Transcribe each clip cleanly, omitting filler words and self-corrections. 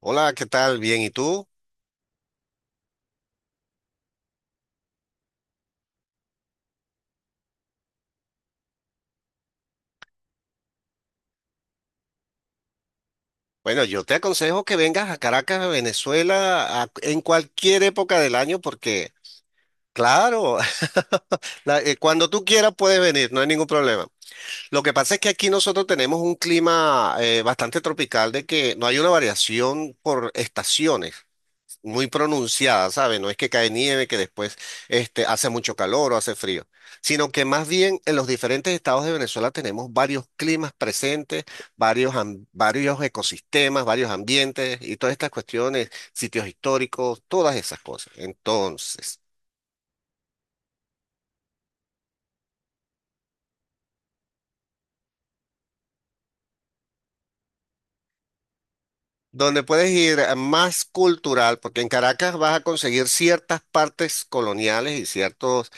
Hola, ¿qué tal? Bien, ¿y tú? Bueno, yo te aconsejo que vengas a Caracas, a Venezuela, en cualquier época del año, porque, claro, cuando tú quieras puedes venir, no hay ningún problema. Lo que pasa es que aquí nosotros tenemos un clima bastante tropical, de que no hay una variación por estaciones muy pronunciada, ¿sabes? No es que cae nieve, que después hace mucho calor o hace frío, sino que más bien en los diferentes estados de Venezuela tenemos varios climas presentes, varios ecosistemas, varios ambientes y todas estas cuestiones, sitios históricos, todas esas cosas. Entonces donde puedes ir a más cultural, porque en Caracas vas a conseguir ciertas partes coloniales y ciertas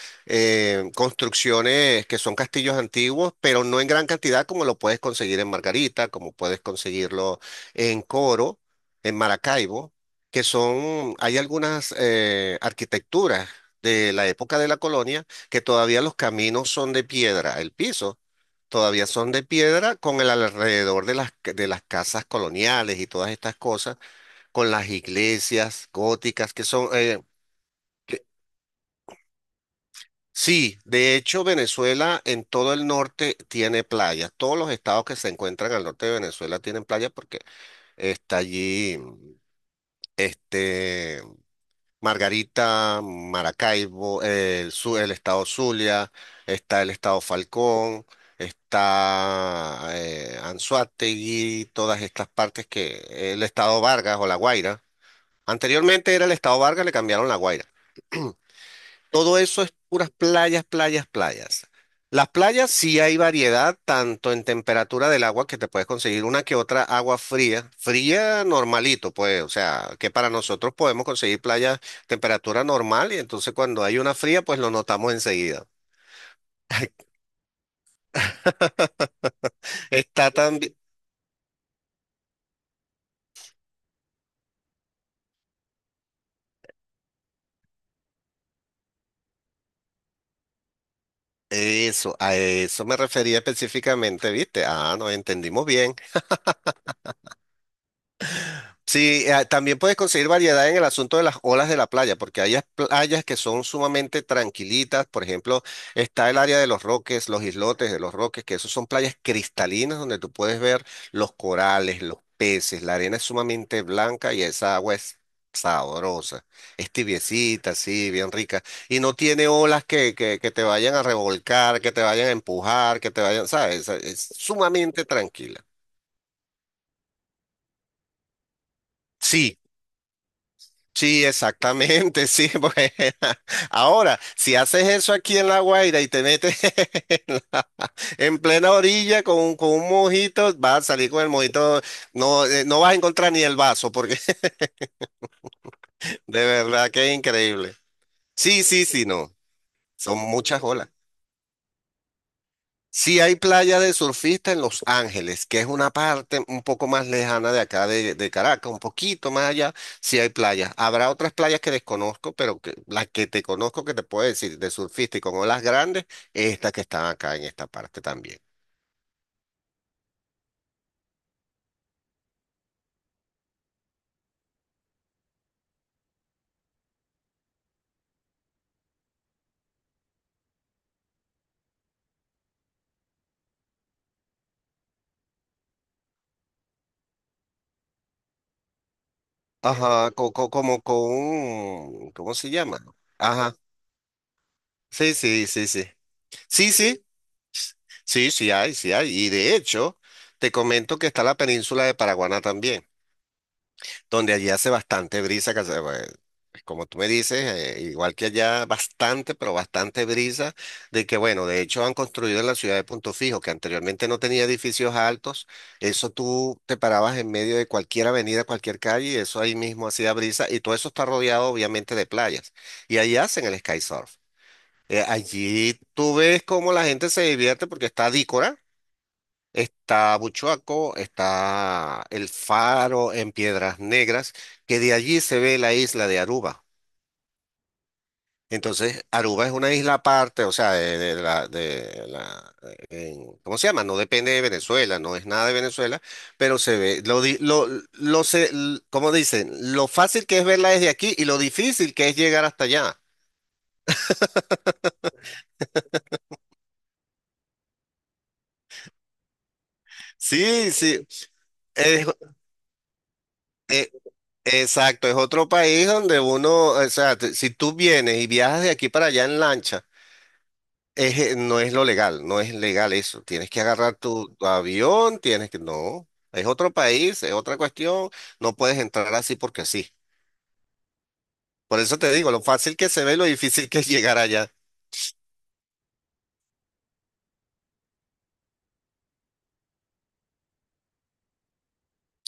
construcciones que son castillos antiguos, pero no en gran cantidad como lo puedes conseguir en Margarita, como puedes conseguirlo en Coro, en Maracaibo, que son, hay algunas arquitecturas de la época de la colonia que todavía los caminos son de piedra, el piso todavía son de piedra con el alrededor de de las casas coloniales y todas estas cosas, con las iglesias góticas que son... Sí, de hecho Venezuela en todo el norte tiene playas. Todos los estados que se encuentran al norte de Venezuela tienen playas porque está allí, este... Margarita, Maracaibo, el estado Zulia, está el estado Falcón, está Anzoátegui, todas estas partes que el estado Vargas o La Guaira. Anteriormente era el estado Vargas, le cambiaron La Guaira. Todo eso es puras playas, playas, playas. Las playas sí hay variedad, tanto en temperatura del agua que te puedes conseguir una que otra agua fría, fría normalito, pues, o sea, que para nosotros podemos conseguir playas temperatura normal y entonces cuando hay una fría, pues lo notamos enseguida. Está también, eso, a eso me refería específicamente, ¿viste? Ah, nos entendimos bien. Sí, también puedes conseguir variedad en el asunto de las olas de la playa, porque hay playas que son sumamente tranquilitas. Por ejemplo, está el área de los Roques, los islotes de los Roques, que esos son playas cristalinas donde tú puedes ver los corales, los peces. La arena es sumamente blanca y esa agua es sabrosa. Es tibiecita, así, bien rica. Y no tiene olas que te vayan a revolcar, que te vayan a empujar, que te vayan, ¿sabes? Es sumamente tranquila. Sí. Sí, exactamente, sí. porque Ahora, si haces eso aquí en La Guaira y te metes en, la- en plena orilla con un mojito, vas a salir con el mojito, no, no vas a encontrar ni el vaso, porque de verdad que es increíble. Sí, sí, sí, no. Son muchas olas. Sí hay playa de surfista en Los Ángeles, que es una parte un poco más lejana de acá, de Caracas, un poquito más allá, sí hay playas. Habrá otras playas que desconozco, pero que, las que te conozco que te puedo decir de surfista y con olas grandes, es esta que están acá en esta parte también. Ajá, como con, ¿cómo se llama? Ajá, sí, sí, sí, sí. Sí, sí, sí, sí hay, sí hay. Y de hecho, te comento que está la península de Paraguaná también, donde allí hace bastante brisa, que hace, pues, como tú me dices, igual que allá, bastante, pero bastante brisa, de que bueno, de hecho han construido en la ciudad de Punto Fijo, que anteriormente no tenía edificios altos, eso tú te parabas en medio de cualquier avenida, cualquier calle, y eso ahí mismo hacía brisa, y todo eso está rodeado obviamente de playas, y ahí hacen el sky surf. Allí tú ves cómo la gente se divierte porque está Dícora. Está Buchoaco, está el faro en Piedras Negras, que de allí se ve la isla de Aruba. Entonces, Aruba es una isla aparte, o sea, de ¿cómo se llama? No depende de Venezuela, no es nada de Venezuela, pero se ve, lo, di- lo se, ¿cómo dicen? Lo fácil que es verla desde aquí y lo difícil que es llegar hasta allá. Sí, sí, es- eh, exacto, es otro país donde uno, o sea, si tú vienes y viajas de aquí para allá en lancha, es, no es lo legal, no es legal eso. Tienes que agarrar tu avión, tienes que... No, es otro país, es otra cuestión. No puedes entrar así porque sí. Por eso te digo, lo fácil que se ve, lo difícil que es llegar allá.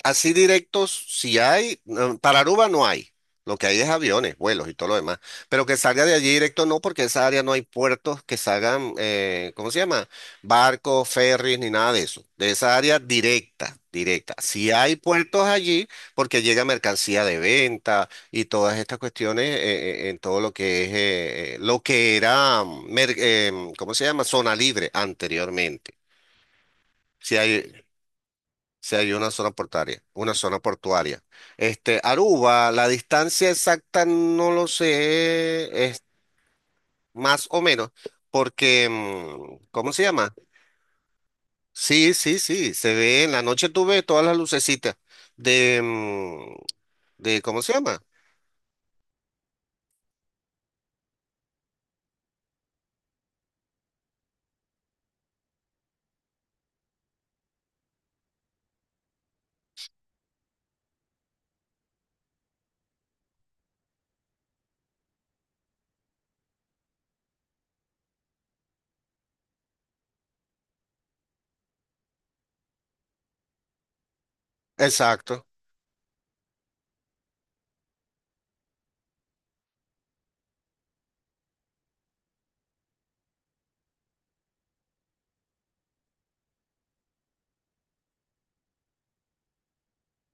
Así directos, si hay, no, para Aruba no hay. Lo que hay es aviones, vuelos y todo lo demás. Pero que salga de allí directo no, porque esa área no hay puertos que salgan, ¿cómo se llama? Barcos, ferries, ni nada de eso. De esa área directa, directa. Si hay puertos allí, porque llega mercancía de venta y todas estas cuestiones en todo lo que es, lo que era, ¿cómo se llama? Zona libre anteriormente. Si hay. Sí, hay una zona portuaria, una zona portuaria. Este, Aruba, la distancia exacta no lo sé, es más o menos, porque, ¿cómo se llama? Sí, sí, sí, se ve, en la noche tú ves todas las lucecitas de, mm, de, ¿cómo se llama? Exacto.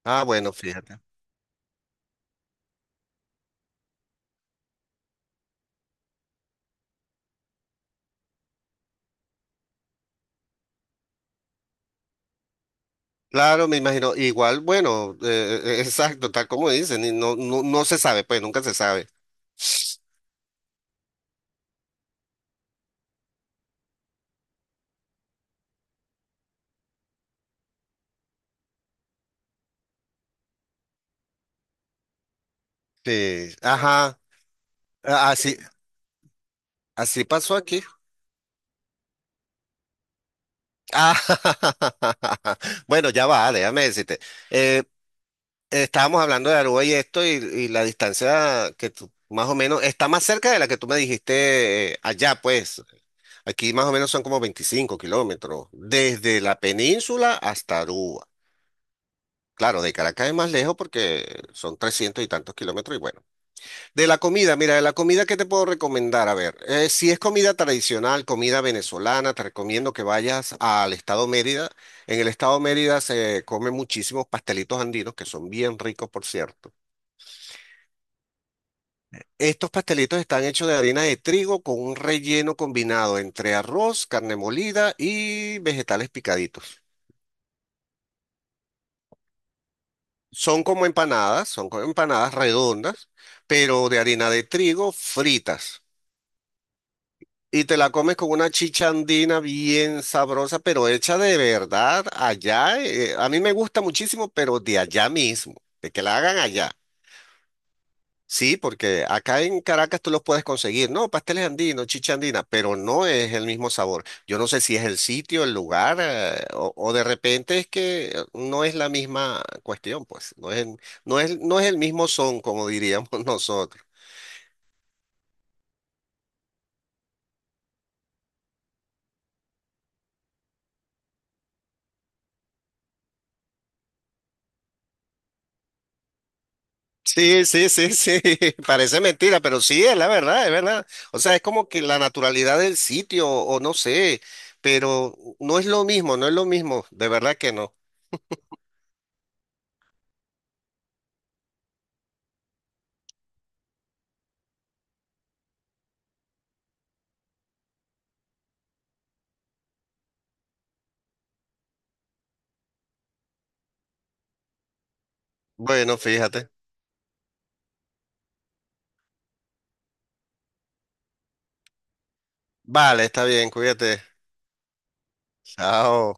Ah, bueno, fíjate. Claro, me imagino, igual, bueno, exacto, tal como dicen, y no, no, no se sabe, pues nunca se sabe. Sí, ajá, así, así pasó aquí. Ah, bueno, ya va, déjame decirte. Eh, Estábamos hablando de Aruba y esto, y la distancia que tú, más o menos, está más cerca de la que tú me dijiste allá, pues. Aquí más o menos son como 25 kilómetros, desde la península hasta Aruba. Claro, de Caracas es más lejos porque son 300 y tantos kilómetros. De la comida, mira, de la comida, ¿qué te puedo recomendar? A ver, si es comida tradicional, comida venezolana, te recomiendo que vayas al estado Mérida. En el estado Mérida se comen muchísimos pastelitos andinos, que son bien ricos, por cierto. Estos pastelitos están hechos de harina de trigo con un relleno combinado entre arroz, carne molida y vegetales picaditos. Son como empanadas redondas, pero de harina de trigo fritas. Y te la comes con una chicha andina bien sabrosa, pero hecha de verdad allá. A mí me gusta muchísimo, pero de allá mismo, de que la hagan allá. Sí, porque acá en Caracas tú los puedes conseguir, no, pasteles andinos, chicha andina, pero no es el mismo sabor. Yo no sé si es el sitio, el lugar, o de repente es que no es la misma cuestión, pues, no es el mismo son, como diríamos nosotros. Sí, sí, sí, sí, parece mentira, pero sí, es la verdad, es verdad. O sea, es como que la naturalidad del sitio, o no sé, pero no es lo mismo, no es lo mismo, de verdad que no. Bueno, fíjate. Vale, está bien, cuídate. Chao.